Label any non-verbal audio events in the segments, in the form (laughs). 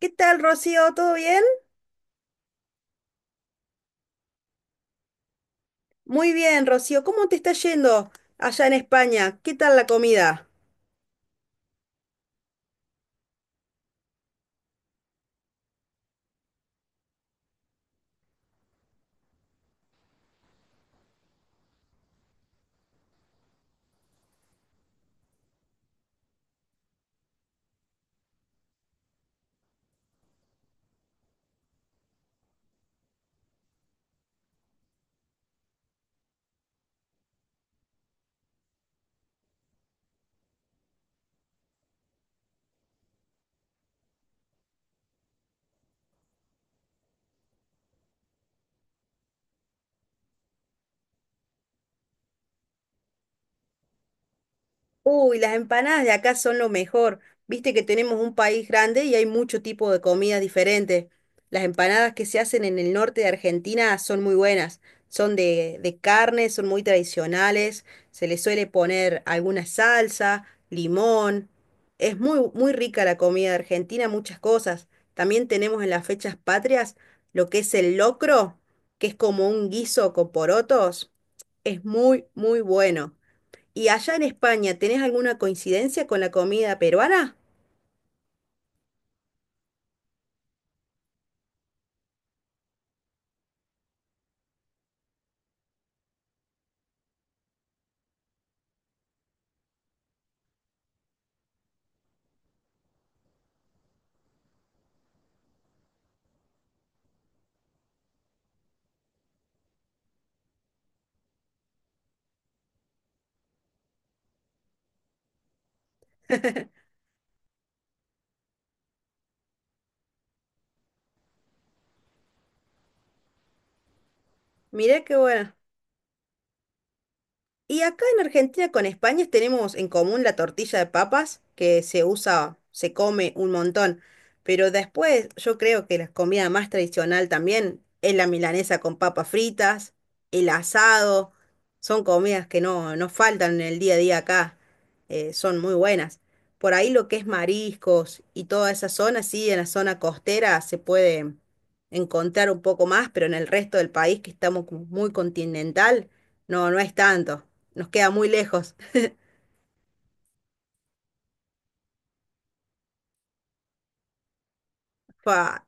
¿Qué tal, Rocío? ¿Todo bien? Muy bien, Rocío. ¿Cómo te está yendo allá en España? ¿Qué tal la comida? Uy, las empanadas de acá son lo mejor. Viste que tenemos un país grande y hay mucho tipo de comidas diferentes. Las empanadas que se hacen en el norte de Argentina son muy buenas. Son de carne, son muy tradicionales. Se le suele poner alguna salsa, limón. Es muy, muy rica la comida de Argentina, muchas cosas. También tenemos en las fechas patrias lo que es el locro, que es como un guiso con porotos. Es muy, muy bueno. ¿Y allá en España tenés alguna coincidencia con la comida peruana? Mirá qué bueno. Y acá en Argentina con España tenemos en común la tortilla de papas, que se usa, se come un montón. Pero después yo creo que la comida más tradicional también es la milanesa con papas fritas, el asado. Son comidas que no faltan en el día a día acá. Son muy buenas. Por ahí lo que es mariscos y toda esa zona, sí, en la zona costera se puede encontrar un poco más, pero en el resto del país que estamos como muy continental, no es tanto. Nos queda muy lejos. Fa.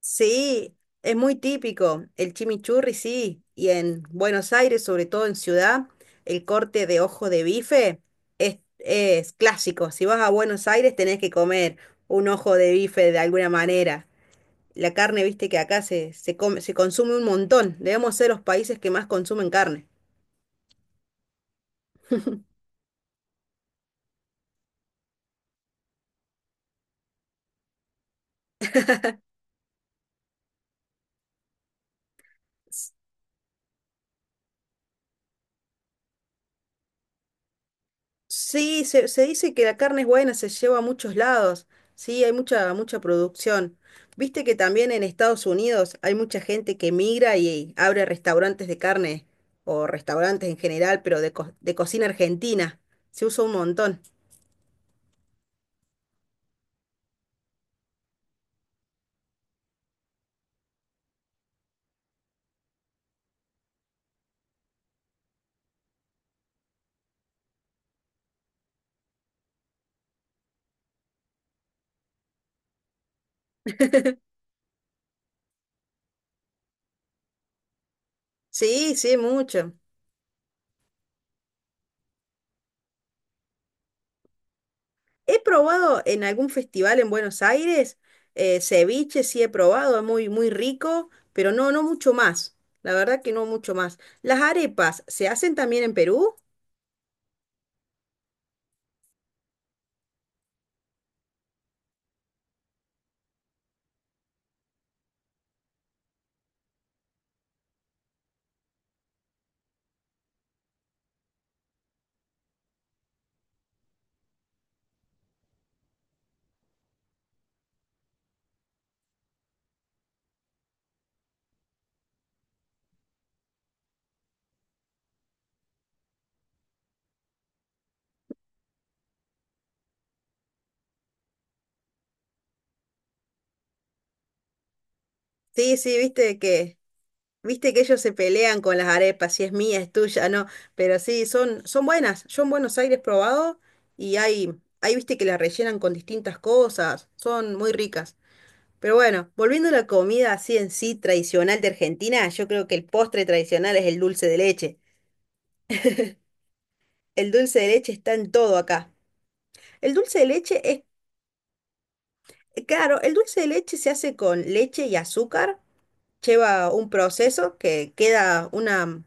Sí, es muy típico. El chimichurri, sí. Y en Buenos Aires, sobre todo en ciudad, el corte de ojo de bife es clásico. Si vas a Buenos Aires, tenés que comer un ojo de bife de alguna manera. La carne, viste que acá se come, se consume un montón. Debemos ser los países que más consumen carne. Sí, se dice que la carne es buena, se lleva a muchos lados. Sí, hay mucha, mucha producción. Viste que también en Estados Unidos hay mucha gente que migra y abre restaurantes de carne o restaurantes en general, pero de cocina argentina. Se usa un montón. (laughs) Sí, sí, mucho. He probado en algún festival en Buenos Aires, ceviche sí he probado, es muy, muy rico, pero no mucho más. La verdad que no mucho más. Las arepas, ¿se hacen también en Perú? Sí, sí, viste que ellos se pelean con las arepas, si es mía, es tuya, no, pero sí, son, son buenas. Yo en Buenos Aires he probado y viste que las rellenan con distintas cosas, son muy ricas. Pero bueno, volviendo a la comida así en sí tradicional de Argentina, yo creo que el postre tradicional es el dulce de leche. El dulce de leche está en todo acá. El dulce de leche claro, el dulce de leche se hace con leche y azúcar. Lleva un proceso que queda una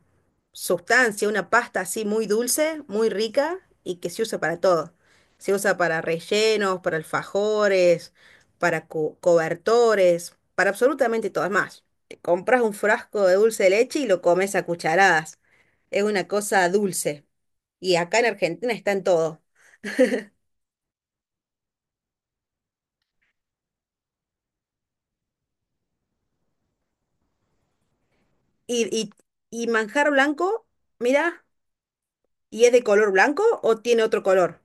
sustancia, una pasta así muy dulce, muy rica y que se usa para todo. Se usa para rellenos, para alfajores, para cobertores, para absolutamente todo. Es más, te compras un frasco de dulce de leche y lo comes a cucharadas. Es una cosa dulce. Y acá en Argentina está en todo. Y, y, y manjar blanco, mira, ¿y es de color blanco o tiene otro color?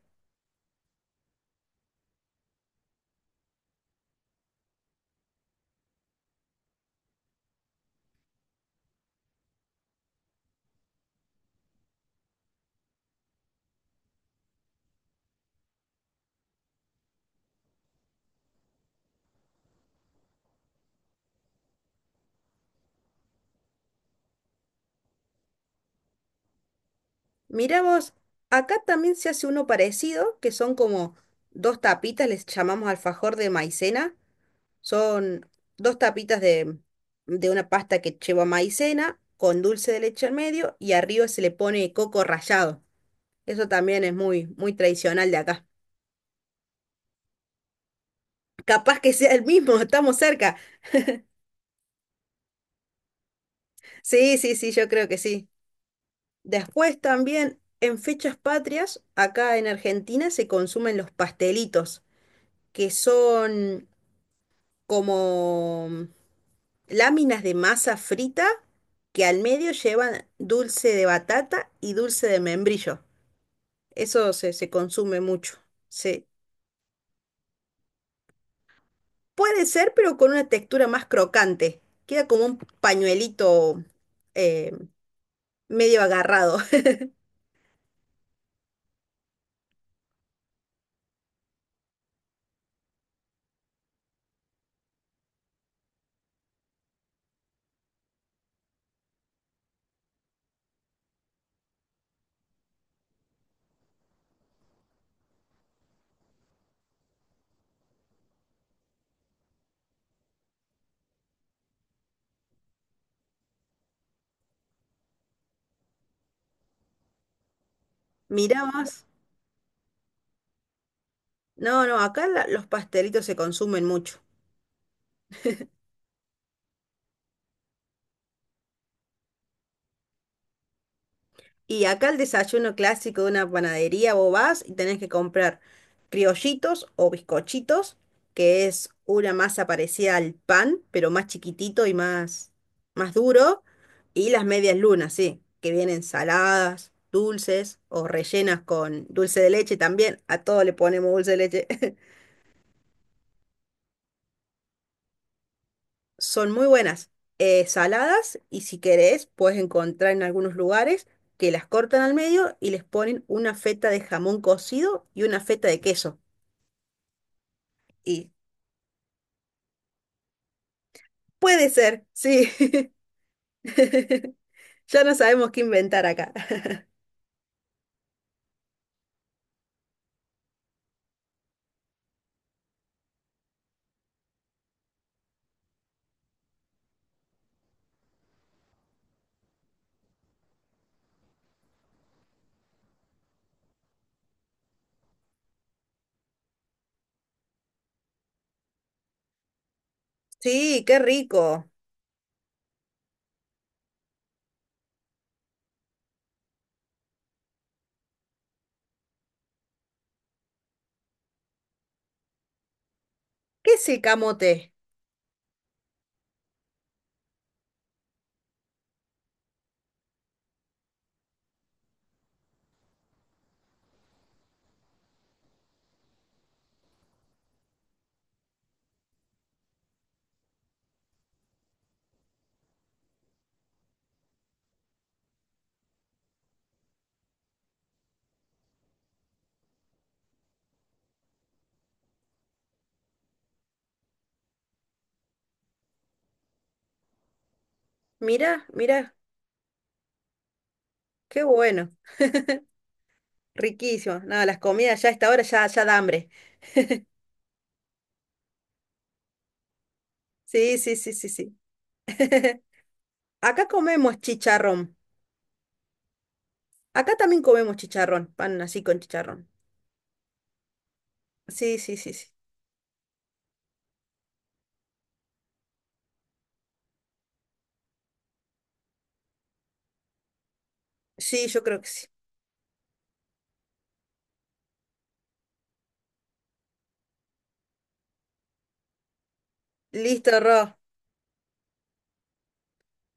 Mirá vos, acá también se hace uno parecido, que son como dos tapitas, les llamamos alfajor de maicena. Son dos tapitas de una pasta que lleva maicena con dulce de leche al medio y arriba se le pone coco rallado. Eso también es muy, muy tradicional de acá. Capaz que sea el mismo, (laughs) estamos cerca. Sí, sí, sí, yo creo que sí. Después también, en fechas patrias, acá en Argentina se consumen los pastelitos, que son como láminas de masa frita que al medio llevan dulce de batata y dulce de membrillo. Eso se consume mucho. Se, puede ser, pero con una textura más crocante. Queda como un pañuelito, eh, medio agarrado. (laughs) Mirá vos. No, no, acá la- Los pastelitos se consumen mucho. Y acá el desayuno clásico de una panadería, vos vas y tenés que comprar criollitos o bizcochitos, que es una masa parecida al pan, pero más chiquitito y más, más duro, y las medias lunas, sí, que vienen saladas, dulces o rellenas con dulce de leche también. A todo le ponemos dulce de leche. (laughs) Son muy buenas, saladas, y si querés puedes encontrar en algunos lugares que las cortan al medio y les ponen una feta de jamón cocido y una feta de queso. Y puede ser, sí. (laughs) Ya no sabemos qué inventar acá. (laughs) Sí, qué rico. ¿Qué es el camote? Mira, mira, qué bueno. Riquísimo. Nada, las comidas ya a esta hora ya, ya da hambre. Sí, sí, sí, sí, sí. (laughs) Acá comemos chicharrón. Acá también comemos chicharrón, pan así con chicharrón. Sí, sí, sí, sí. Sí, yo creo que sí. Listo, Ro.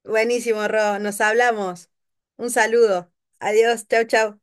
Buenísimo, Ro. Nos hablamos. Un saludo. Adiós. Chau, chau.